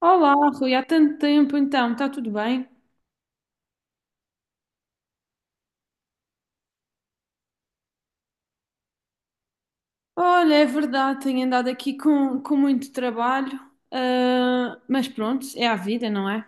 Olá, Rui, há tanto tempo então, está tudo bem? Olha, é verdade, tenho andado aqui com muito trabalho, mas pronto, é a vida, não é?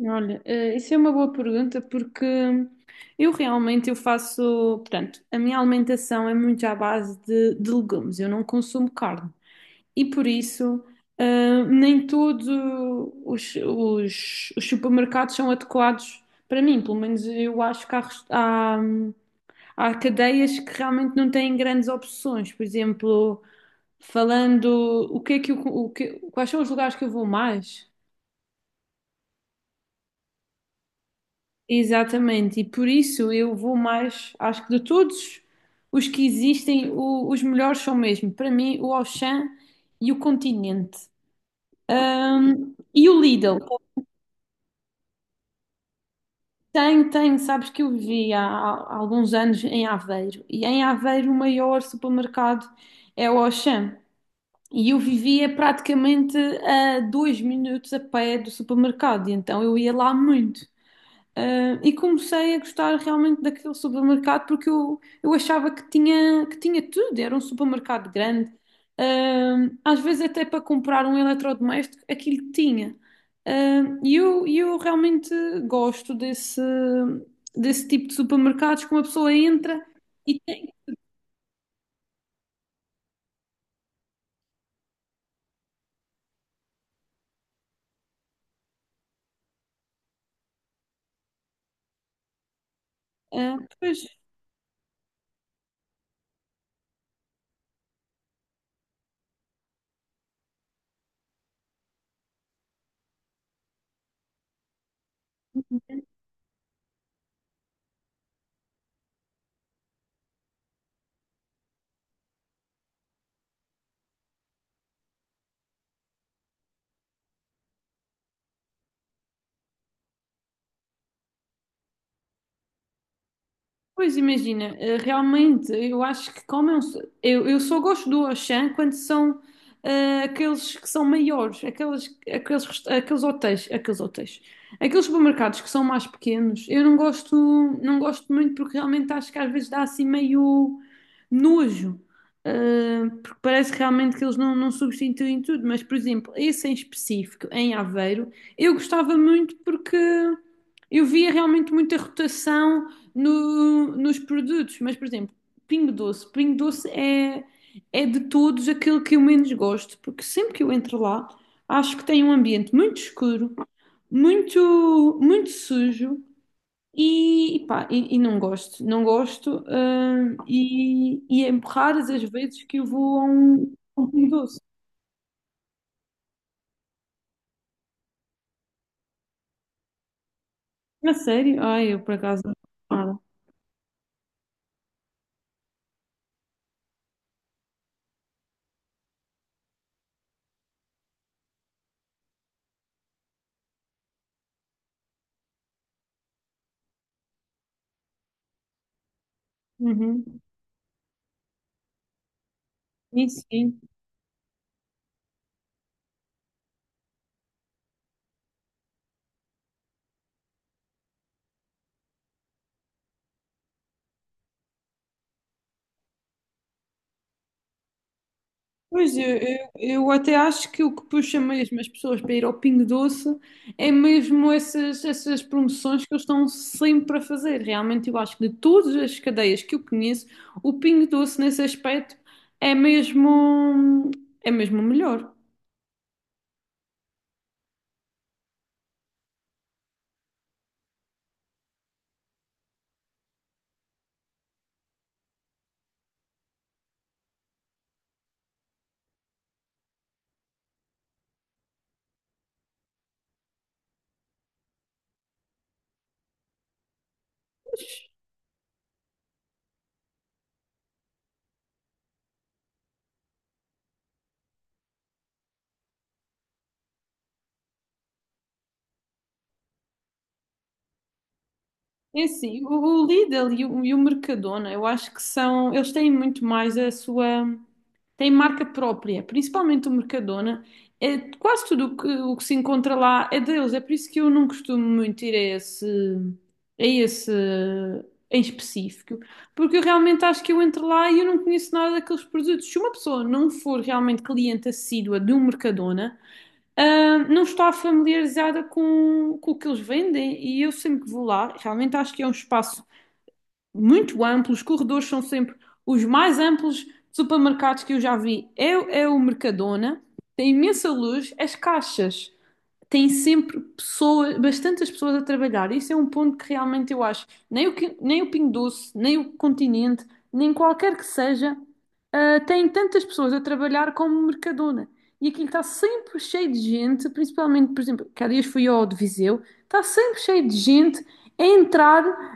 Olha, isso é uma boa pergunta porque eu realmente eu faço, portanto, a minha alimentação é muito à base de legumes, eu não consumo carne e por isso nem todos os supermercados são adequados para mim, pelo menos eu acho que há, há há cadeias que realmente não têm grandes opções. Por exemplo, falando o que é que eu, quais são os lugares que eu vou mais? Exatamente, e por isso eu vou mais, acho que de todos os que existem, os melhores são mesmo, para mim, o Auchan e o Continente. E o Lidl, tem, sabes que eu vivi há alguns anos em Aveiro, e em Aveiro o maior supermercado é o Auchan. E eu vivia praticamente a dois minutos a pé do supermercado, e então eu ia lá muito. E comecei a gostar realmente daquele supermercado porque eu achava que que tinha tudo, era um supermercado grande. Às vezes até para comprar um eletrodoméstico, aquilo tinha. Ah, e eu realmente gosto desse tipo de supermercados que uma pessoa entra e tem. Ah, pois, Pois imagina, realmente eu acho que como é um eu só gosto do Auchan quando são aqueles que são maiores, aqueles hotéis, aqueles supermercados que são mais pequenos, eu não gosto, não gosto muito porque realmente acho que às vezes dá assim meio nojo, porque parece realmente que eles não substituem tudo, mas por exemplo, esse em específico, em Aveiro, eu gostava muito porque eu via realmente muita rotação nos produtos, mas por exemplo, Pingo Doce. Pingo Doce é, é de todos aquele que eu menos gosto, porque sempre que eu entro lá, acho que tem um ambiente muito escuro, muito sujo e pá, e não gosto, não gosto. E é raras as vezes que eu vou a um Pingo Doce. A sério? Ai, eu por acaso não gosto nada. Uhum. Isso. Pois, eu até acho que o que puxa mesmo as pessoas para ir ao Pingo Doce é mesmo essas promoções que eles estão sempre a fazer. Realmente, eu acho que de todas as cadeias que eu conheço, o Pingo Doce nesse aspecto é mesmo, é mesmo o melhor. É assim, o Lidl e o Mercadona, eu acho que são, eles têm muito mais a sua, têm marca própria, principalmente o Mercadona. É, quase tudo o que se encontra lá é deles, é por isso que eu não costumo muito ir a esse em específico, porque eu realmente acho que eu entro lá e eu não conheço nada daqueles produtos. Se uma pessoa não for realmente cliente assídua de um Mercadona, não está familiarizada com o que eles vendem e eu sempre que vou lá, realmente acho que é um espaço muito amplo, os corredores são sempre os mais amplos supermercados que eu já vi. É, é o Mercadona, tem imensa luz, as caixas tem sempre pessoas, bastantes pessoas a trabalhar. Isso é um ponto que realmente eu acho. Nem nem o Pingo Doce, nem o Continente, nem qualquer que seja, tem tantas pessoas a trabalhar como o Mercadona. E aquilo está sempre cheio de gente, principalmente, por exemplo, que há dias fui ao de Viseu, está sempre cheio de gente a entrar.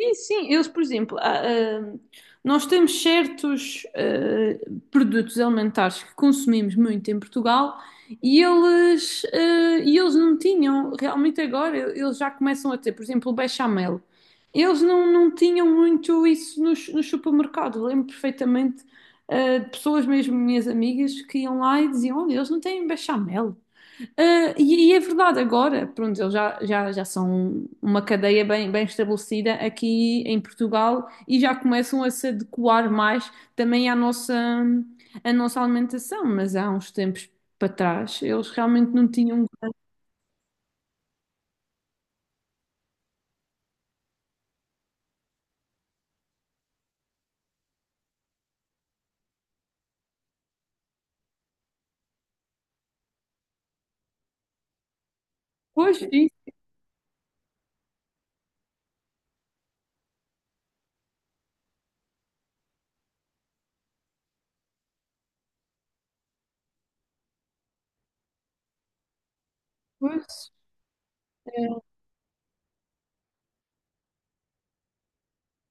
Sim, sim, eles, por exemplo, há, nós temos certos produtos alimentares que consumimos muito em Portugal e eles, e eles não tinham, realmente agora eles já começam a ter, por exemplo, o bechamel. Eles não tinham muito isso nos supermercados. Eu lembro perfeitamente de pessoas, mesmo minhas amigas, que iam lá e diziam: Olha, eles não têm bechamel. E é verdade, agora, pronto, eles já são uma cadeia bem estabelecida aqui em Portugal e já começam a se adequar mais também à nossa alimentação, mas há uns tempos para trás eles realmente não tinham. Pois, isso, pois.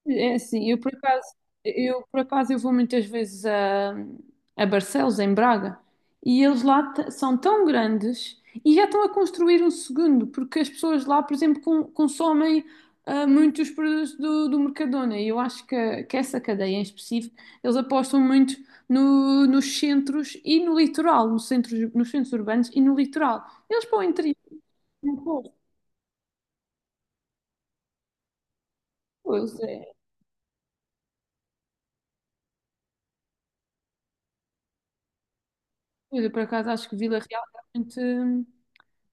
É assim, eu por acaso, eu por acaso eu vou muitas vezes a Barcelos, em Braga, e eles lá são tão grandes e já estão a construir um segundo, porque as pessoas lá, por exemplo, consomem muitos produtos do Mercadona. E eu acho que essa cadeia em específico, eles apostam muito nos centros e no litoral, nos centros urbanos e no litoral. Eles para o interior, não pouco. Pois é. Pois, eu por acaso acho que Vila Real é realmente. Hum.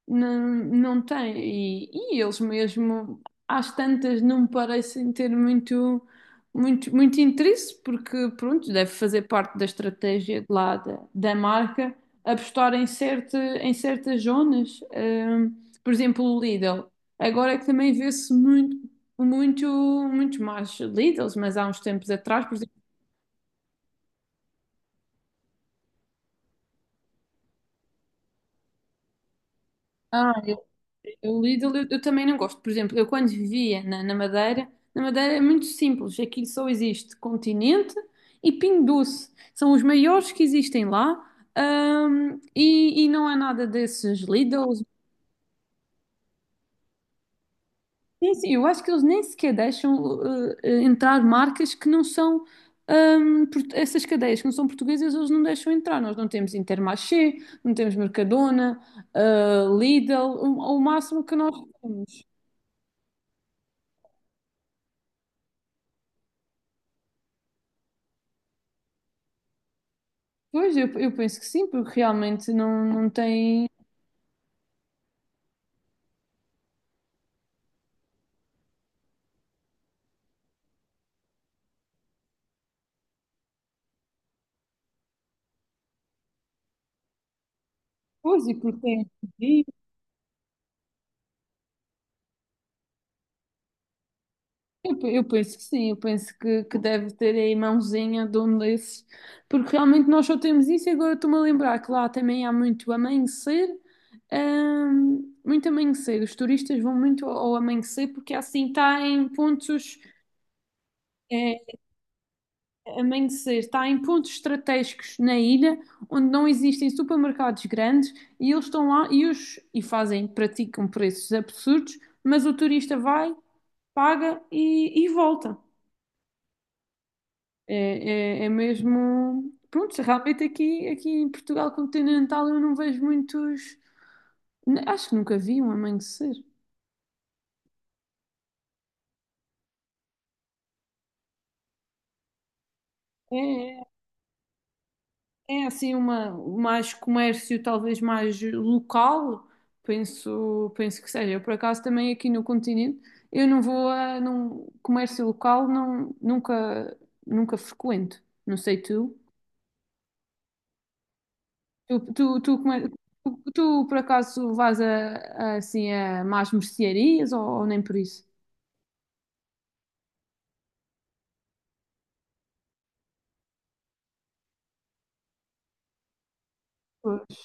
Não, não tem. E, e eles mesmo, às tantas, não parecem ter muito, muito interesse, porque, pronto, deve fazer parte da estratégia de lá da marca apostar em, certa, em certas zonas. Por exemplo, o Lidl. Agora é que também vê-se muito, muito, muito mais Lidls, mas há uns tempos atrás, por exemplo, o Lidl eu também não gosto. Por exemplo, eu quando vivia na Madeira é muito simples. Aqui só existe Continente e Pingo Doce. São os maiores que existem lá. E não há nada desses Lidls. Sim, sim, eu acho que eles nem sequer deixam entrar marcas que não são. Essas cadeias que não são portuguesas, eles não deixam entrar. Nós não temos Intermarché, não temos Mercadona, Lidl. O máximo que nós temos. Pois, eu penso que sim, porque realmente não, não tem coisa, e porque tem. Eu penso que sim, eu penso que deve ter aí mãozinha de um desses, porque realmente nós só temos isso. E agora estou-me a lembrar que lá também há muito amanhecer, muito amanhecer. Os turistas vão muito ao amanhecer porque assim está em pontos. eh, Amanhecer está em pontos estratégicos na ilha onde não existem supermercados grandes e eles estão lá e fazem, praticam preços absurdos, mas o turista vai, paga e volta. É, é mesmo. Pronto, realmente aqui, aqui em Portugal continental eu não vejo muitos. Acho que nunca vi um amanhecer. É. É assim uma mais comércio talvez mais local, penso, penso que seja. Eu por acaso também aqui no continente, eu não vou a num comércio local, não, nunca frequento. Não sei tu. Tu tu, tu, come- Tu, por acaso vais assim a mais mercearias ou nem por isso? Pois.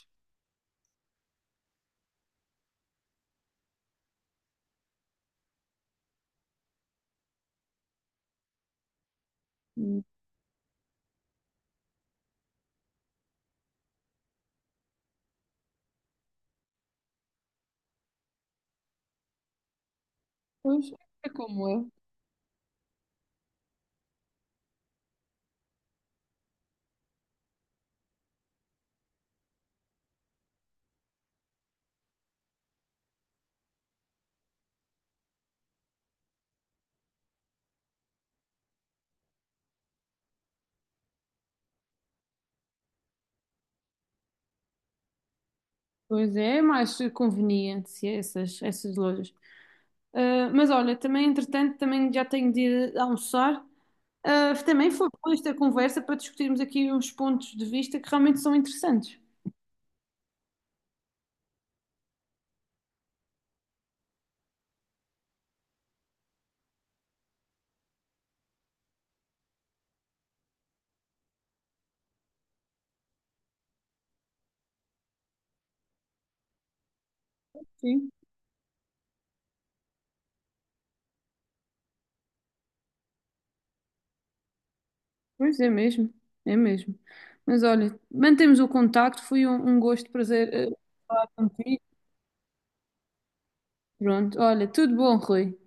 Pois, é como eu. Pois é, é mais conveniente essas lojas. Mas olha, também entretanto também já tenho de ir almoçar. Também foi boa esta conversa para discutirmos aqui uns pontos de vista que realmente são interessantes. Sim. Pois é mesmo, é mesmo. Mas olha, mantemos o contacto, foi um, um gosto, prazer, falar contigo. Pronto, olha, tudo bom, Rui.